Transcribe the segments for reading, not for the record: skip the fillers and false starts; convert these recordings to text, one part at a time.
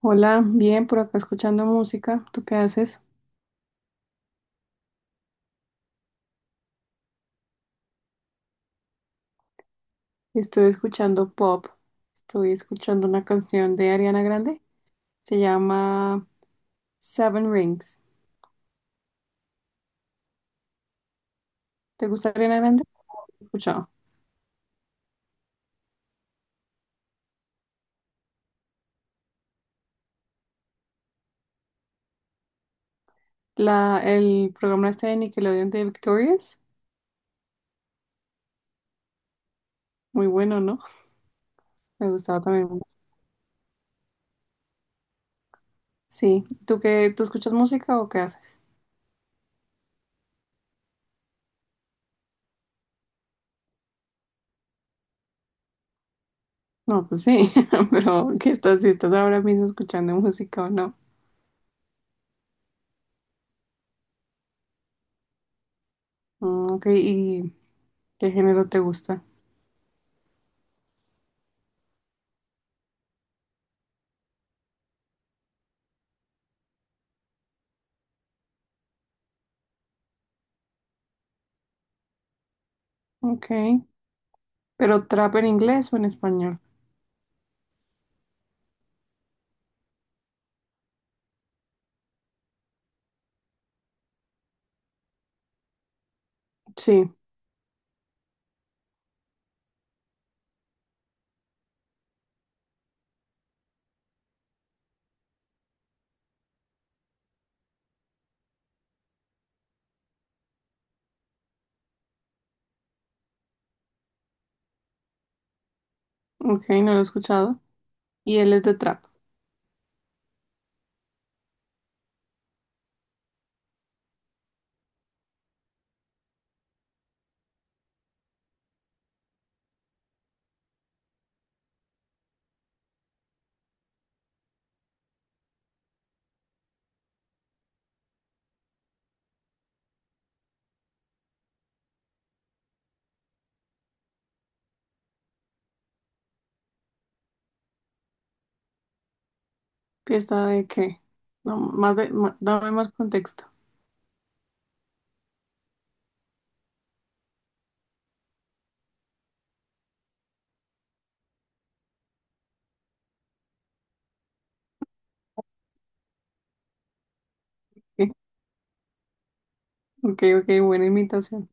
Hola, bien, por acá escuchando música. ¿Tú qué haces? Estoy escuchando pop. Estoy escuchando una canción de Ariana Grande. Se llama Seven Rings. ¿Te gusta Ariana Grande? He escuchado. El programa este de Nickelodeon de Victorious. Muy bueno, ¿no? Me gustaba también mucho. Sí. ¿Tú qué? ¿Tú escuchas música o qué haces? No, pues sí. Pero ¿qué estás? Si estás ahora mismo escuchando música o no. Mm, ok. ¿Y qué género te gusta? Ok. ¿Pero trap en inglés o en español? Sí, ok, no lo he escuchado. Y él es de trap. ¿Fiesta de qué? No, más de, dame más contexto. Ok, ok, ok, buena imitación.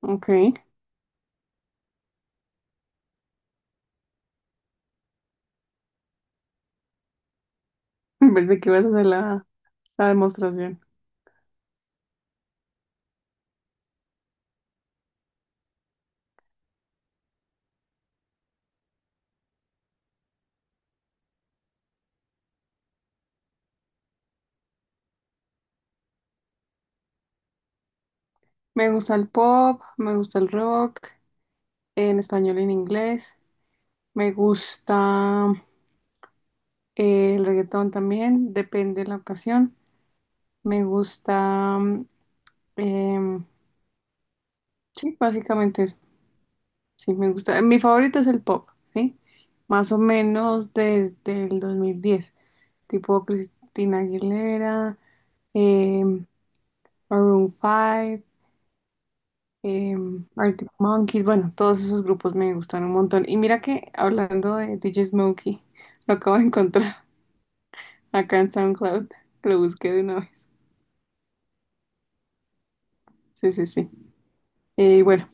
Ok, pensé que ibas a hacer la demostración. Me gusta el pop, me gusta el rock, en español y en inglés. Me gusta el reggaetón también, depende de la ocasión. Me gusta, em, sí, básicamente sí, me gusta. Mi favorito es el pop, ¿sí? Más o menos desde el 2010. Tipo Cristina Aguilera, eh, Maroon 5, eh, Arctic Monkeys. Bueno, todos esos grupos me gustan un montón. Y mira que hablando de DJ Smokey, lo acabo de encontrar acá en SoundCloud. Lo busqué de una vez. Sí, sí, sí. Y bueno,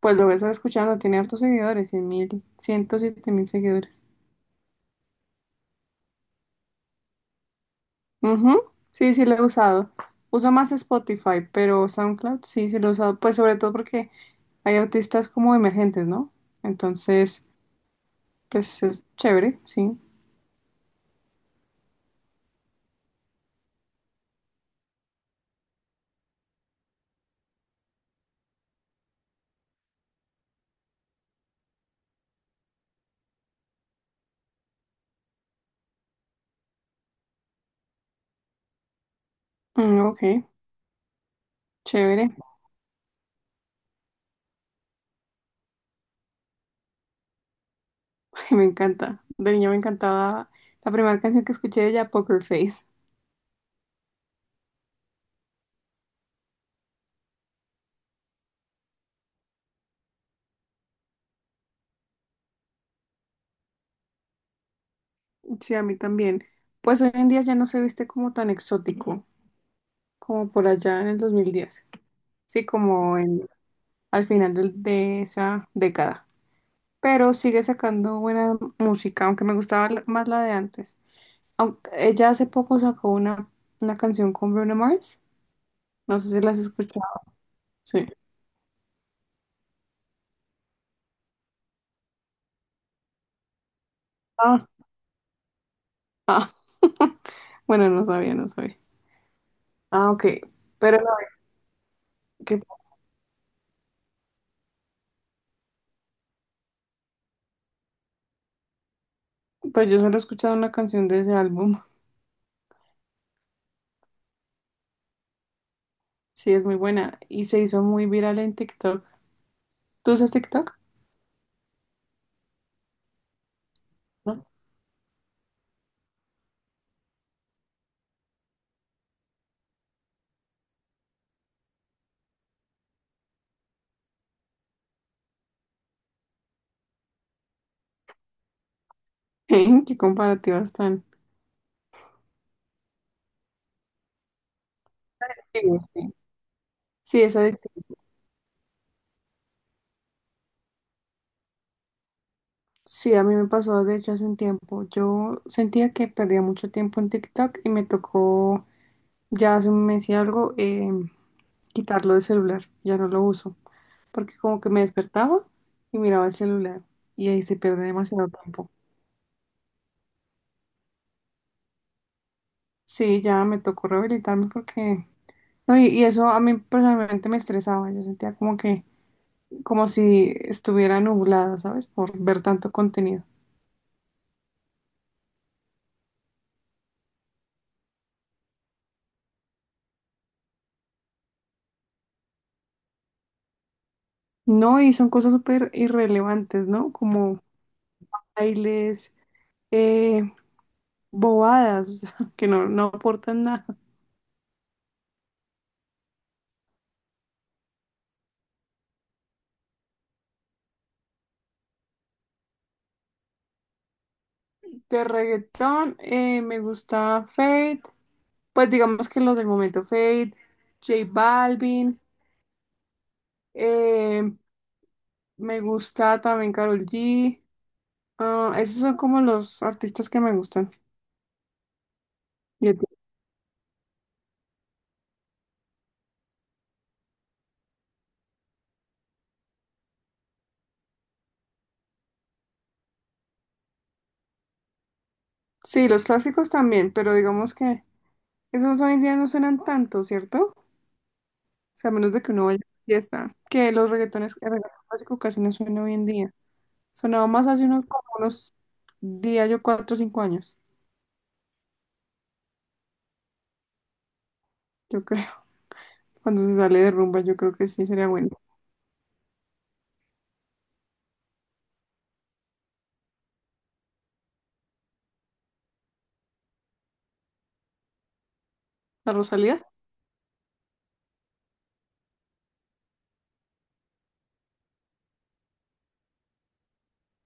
pues lo voy a estar escuchando. Tiene hartos seguidores, 100.000, mil seguidores. Ujú, sí, sí lo he usado. Uso más Spotify, pero SoundCloud sí, sí lo he usado. Pues sobre todo porque hay artistas como emergentes, ¿no? Entonces, pues es chévere, sí. Mm, ok, chévere. Ay, me encanta. De niña me encantaba la primera canción que escuché de ella, Poker Face. Sí, a mí también. Pues hoy en día ya no se viste como tan exótico como por allá en el 2010, sí, como en, al final de esa década. Pero sigue sacando buena música, aunque me gustaba más la de antes. Aunque ella hace poco sacó una canción con Bruno Mars, no sé si la has escuchado. Sí. Ah, ah. Bueno, no sabía, no sabía. Ah, ok, pero no, que, pues yo solo he escuchado una canción de ese álbum, sí, es muy buena y se hizo muy viral en TikTok. ¿Tú usas TikTok? No. ¿Qué comparativas tan? Sí, sí. Sí, esa sí, a mí me pasó de hecho hace un tiempo. Yo sentía que perdía mucho tiempo en TikTok y me tocó ya hace un mes y algo, quitarlo del celular. Ya no lo uso porque como que me despertaba y miraba el celular y ahí se pierde demasiado tiempo. Sí, ya me tocó rehabilitarme porque... No, y eso a mí personalmente me estresaba. Yo sentía como que, como si estuviera nublada, ¿sabes? Por ver tanto contenido. No, y son cosas súper irrelevantes, ¿no? Como bailes, eh, bobadas, o sea, que no, no aportan nada. De reggaetón, me gusta Fate, pues digamos que los del momento Fate, J Balvin, eh, me gusta también Karol G, ah, esos son como los artistas que me gustan. ¿Y a ti? Sí, los clásicos también, pero digamos que esos hoy en día no suenan tanto, ¿cierto? O sea, a menos de que uno vaya a una fiesta, que los reggaetones, el reggaetón clásico casi no suena hoy en día. Sonaba más hace unos, como unos días, yo 4 o 5 años, yo creo. Cuando se sale de rumba, yo creo que sí sería bueno. ¿La Rosalía?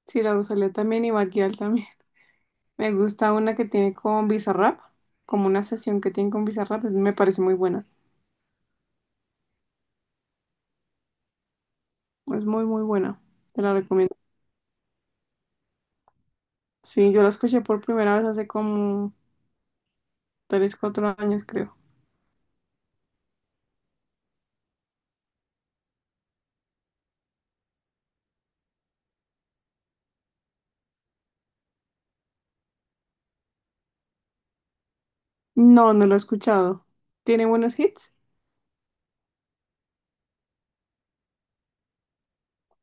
Sí, la Rosalía también y Bad Gyal también. Me gusta una que tiene con Bizarrap, como una sesión que tiene con Bizarrap, me parece muy buena. Es muy, muy buena. Te la recomiendo. Sí, yo la escuché por primera vez hace como 3, 4 años, creo. No, no lo he escuchado. ¿Tiene buenos hits?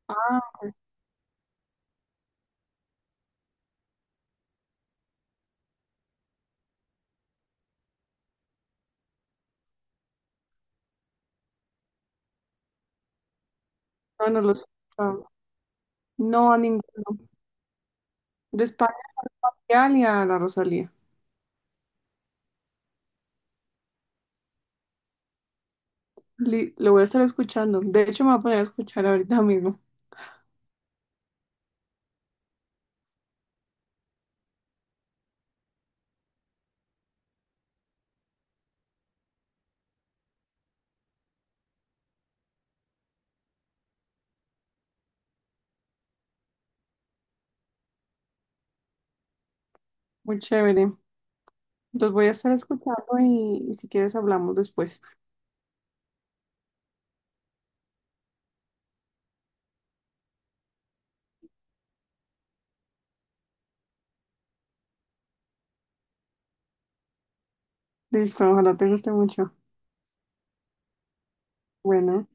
Ah, no, no los he escuchado. No, a ninguno. De España y a la Rosalía. Lo voy a estar escuchando. De hecho, me voy a poner a escuchar ahorita mismo. Muy chévere. Los voy a estar escuchando y si quieres hablamos después. Listo, ojalá te guste mucho. Bueno.